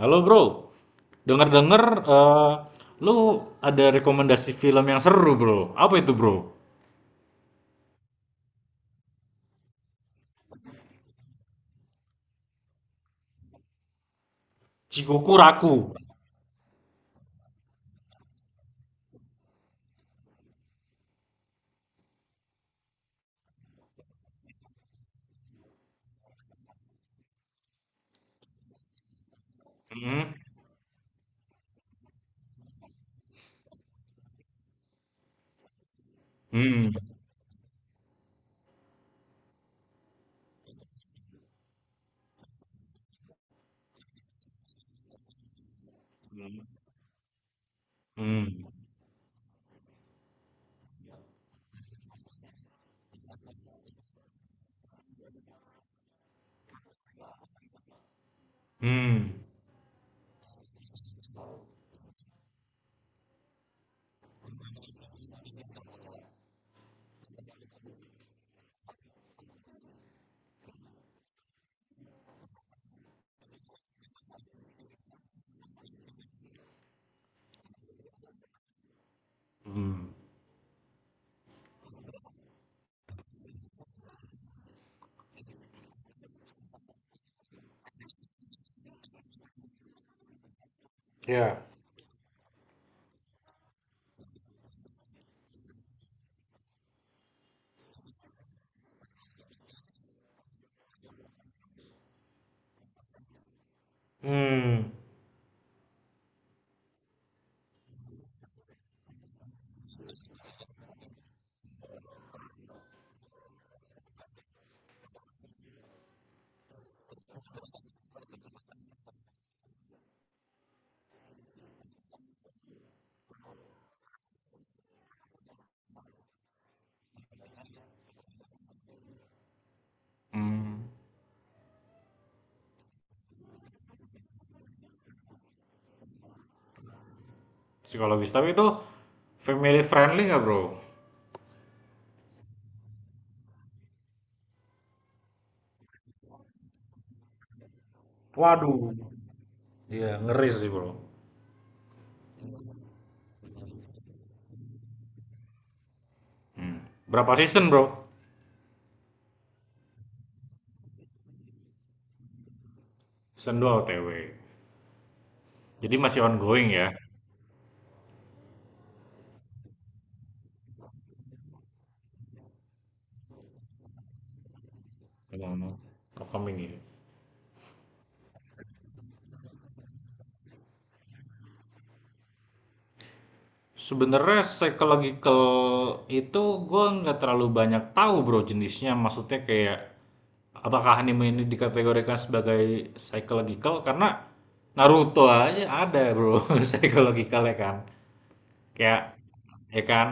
Halo bro, denger-denger eh, lu ada rekomendasi film yang seru bro. Apa itu bro? Cikuku Raku. Hmm, hmm, hmm, hmm, hmm. Ya. Hmm, hmm. Psikologis. Tapi itu family friendly nggak bro? Waduh. Iya, ngeri sih bro. Hmm. Berapa season bro? Season 2 OTW. Jadi masih ongoing ya? Ngomong-ngomong. Upcoming ya. Sebenarnya psychological itu gue nggak terlalu banyak tahu bro jenisnya. Maksudnya kayak apakah anime ini dikategorikan sebagai psychological? Karena Naruto aja ada bro psychological, ya kan. Kayak ya kan,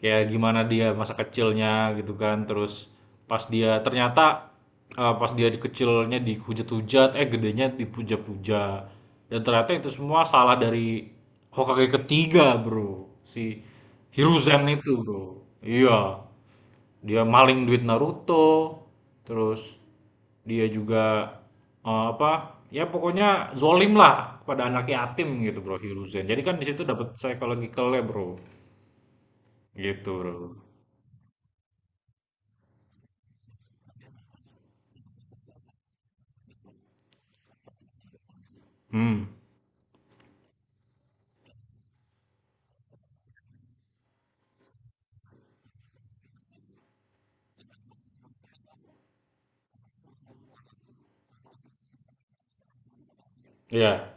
kayak gimana dia masa kecilnya gitu kan, terus pas dia ternyata pas dia di kecilnya dihujat-hujat, gedenya dipuja-puja, dan ternyata itu semua salah dari Hokage ketiga bro, si Hiruzen itu bro, iya, dia maling duit Naruto, terus dia juga eh, apa ya pokoknya zolim lah pada anak yatim gitu bro Hiruzen, jadi kan di situ dapat psychological-nya bro, gitu bro. Hmm. Ya.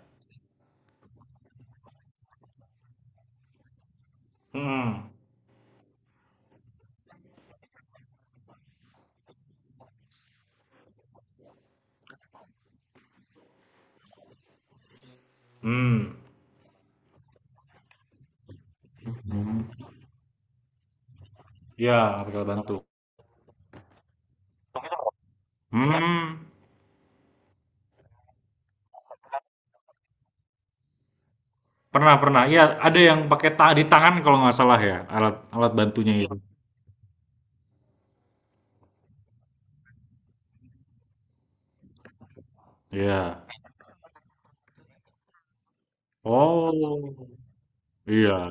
Hmm, hmm. Mhm. Ya pakai alat bantu. Hmm. Pernah pernah, ya ada yang pakai ta di tangan kalau nggak salah ya, alat alat bantunya itu. Ya. Oh iya,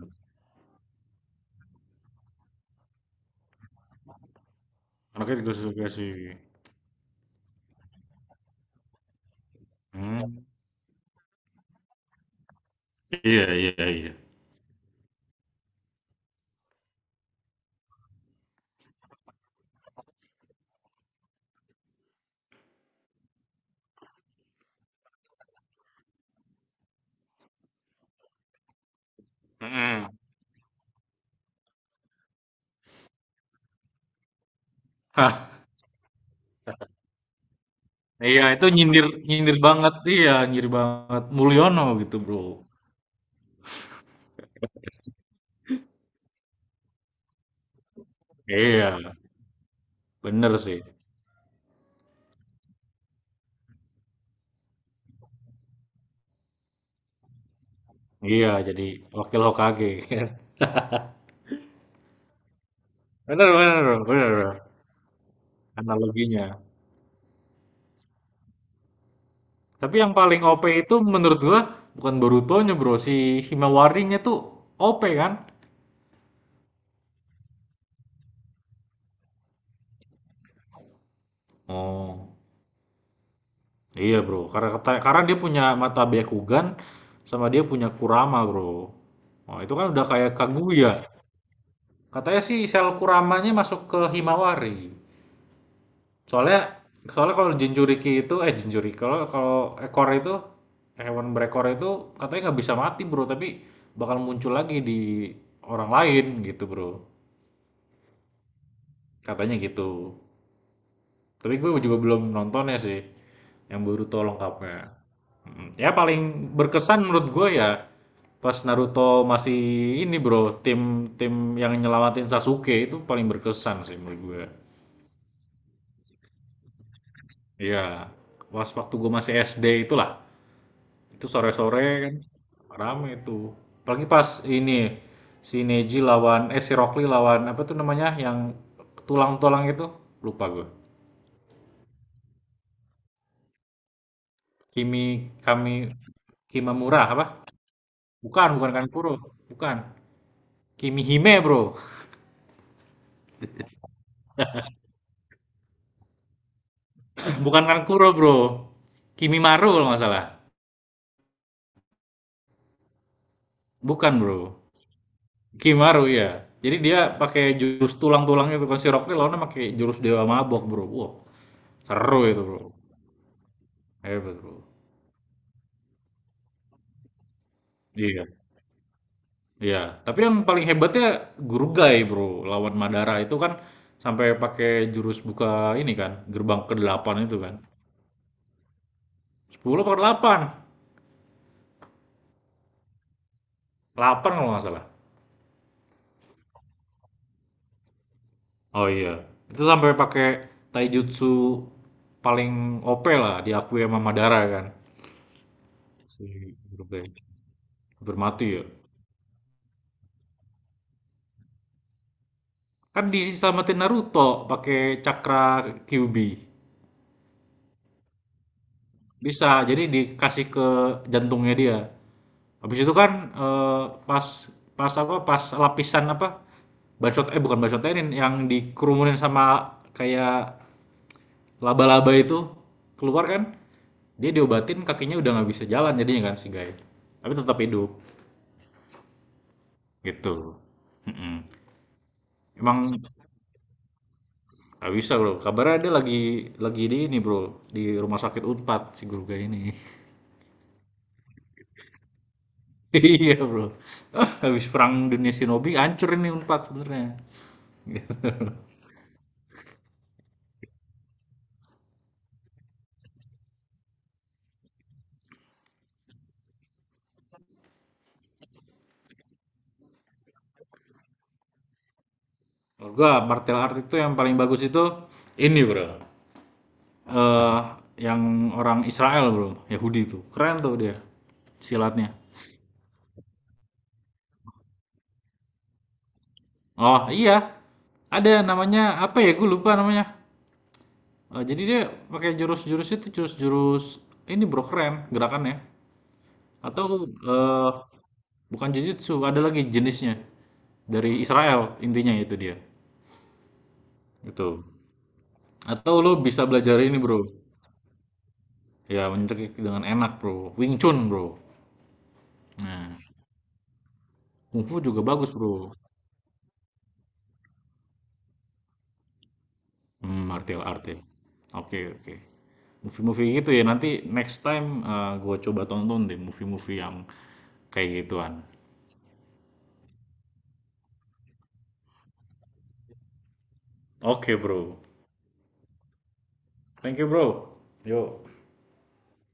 anaknya dikasih. Hmm. Iya, iya, iya. Mm-mm. Hah, iya itu nyindir, nyindir banget, iya nyindir banget Mulyono gitu bro. Iya, bener sih. Iya, jadi wakil Hokage. Bener, bener bro, bener bro. Analoginya. Tapi yang paling OP itu menurut gua bukan Borutonya bro, si Himawarinya tuh OP kan. Oh iya bro, karena karena dia punya mata Byakugan, sama dia punya Kurama bro. Oh itu kan udah kayak Kaguya. Katanya sih sel Kuramanya masuk ke Himawari. Soalnya, soalnya kalau jinjuriki itu, jinjuriki kalau kalau ekor itu, hewan berekor itu, katanya nggak bisa mati bro, tapi bakal muncul lagi di orang lain gitu bro. Katanya gitu. Tapi gue juga belum nontonnya sih, yang Boruto lengkapnya. Ya paling berkesan menurut gue ya pas Naruto masih ini bro, tim tim yang nyelamatin Sasuke itu paling berkesan sih menurut gue. Iya, pas waktu gue masih SD itulah. Itu sore-sore kan, rame itu. Apalagi pas ini si Neji lawan, si Rockly lawan apa tuh namanya, yang tulang-tulang itu? Lupa gue. Kimi, kami, Kimamura apa? Bukan, bukan Kankuro. Bukan. Kimihime, Bro. Bukan Kankuro, Bro. Kimimaru kalau nggak salah. Bukan, Bro. Kimaru ya. Jadi dia pakai jurus tulang-tulang itu kan, si Rockly lawannya pakai jurus dewa mabok, Bro. Wah, seru itu, Bro. Hebat, Bro. Iya, iya, tapi yang paling hebatnya Gurugai, Bro. Lawan Madara itu kan sampai pakai jurus buka ini kan, gerbang ke delapan itu kan. Sepuluh apa delapan, delapan kalau nggak salah. Oh iya. Itu sampai pakai taijutsu paling OP lah, diakui sama Madara kan. Si Gurugai. Hampir ya. Kan diselamatin Naruto pakai cakra Kyuubi. Bisa, jadi dikasih ke jantungnya dia. Habis itu kan, eee, pas pas apa, pas lapisan apa, bacot, bukan bacotenin, yang dikerumunin sama kayak laba-laba itu keluar kan, dia diobatin, kakinya udah nggak bisa jalan jadinya kan si guy, tapi tetap hidup, gitu. Mhm. Emang nggak bisa, Bro, kabarnya dia lagi di ini, Bro, di rumah sakit Unpad si guru guy ini. Iya, Bro. Habis perang dunia shinobi hancur ini Unpad sebenarnya, gitu. Menurut gua martial art itu yang paling bagus itu ini, Bro. Eh yang orang Israel, Bro. Yahudi tuh. Keren tuh dia silatnya. Oh, iya. Ada namanya apa ya? Gue lupa namanya. Jadi dia pakai jurus-jurus itu, jurus-jurus ini, Bro, keren gerakannya. Atau eh bukan jujutsu, ada lagi jenisnya. Dari Israel intinya itu dia. Gitu. Atau lo bisa belajar ini, Bro. Ya, mencekik dengan enak, Bro. Wing Chun, Bro. Nah, Kungfu juga bagus, Bro. Martial art ya. Oke, oke. Movie-movie gitu ya, nanti next time, gue coba tonton deh movie-movie yang kayak gituan. Oke, Bro. Thank you, Bro. Yo.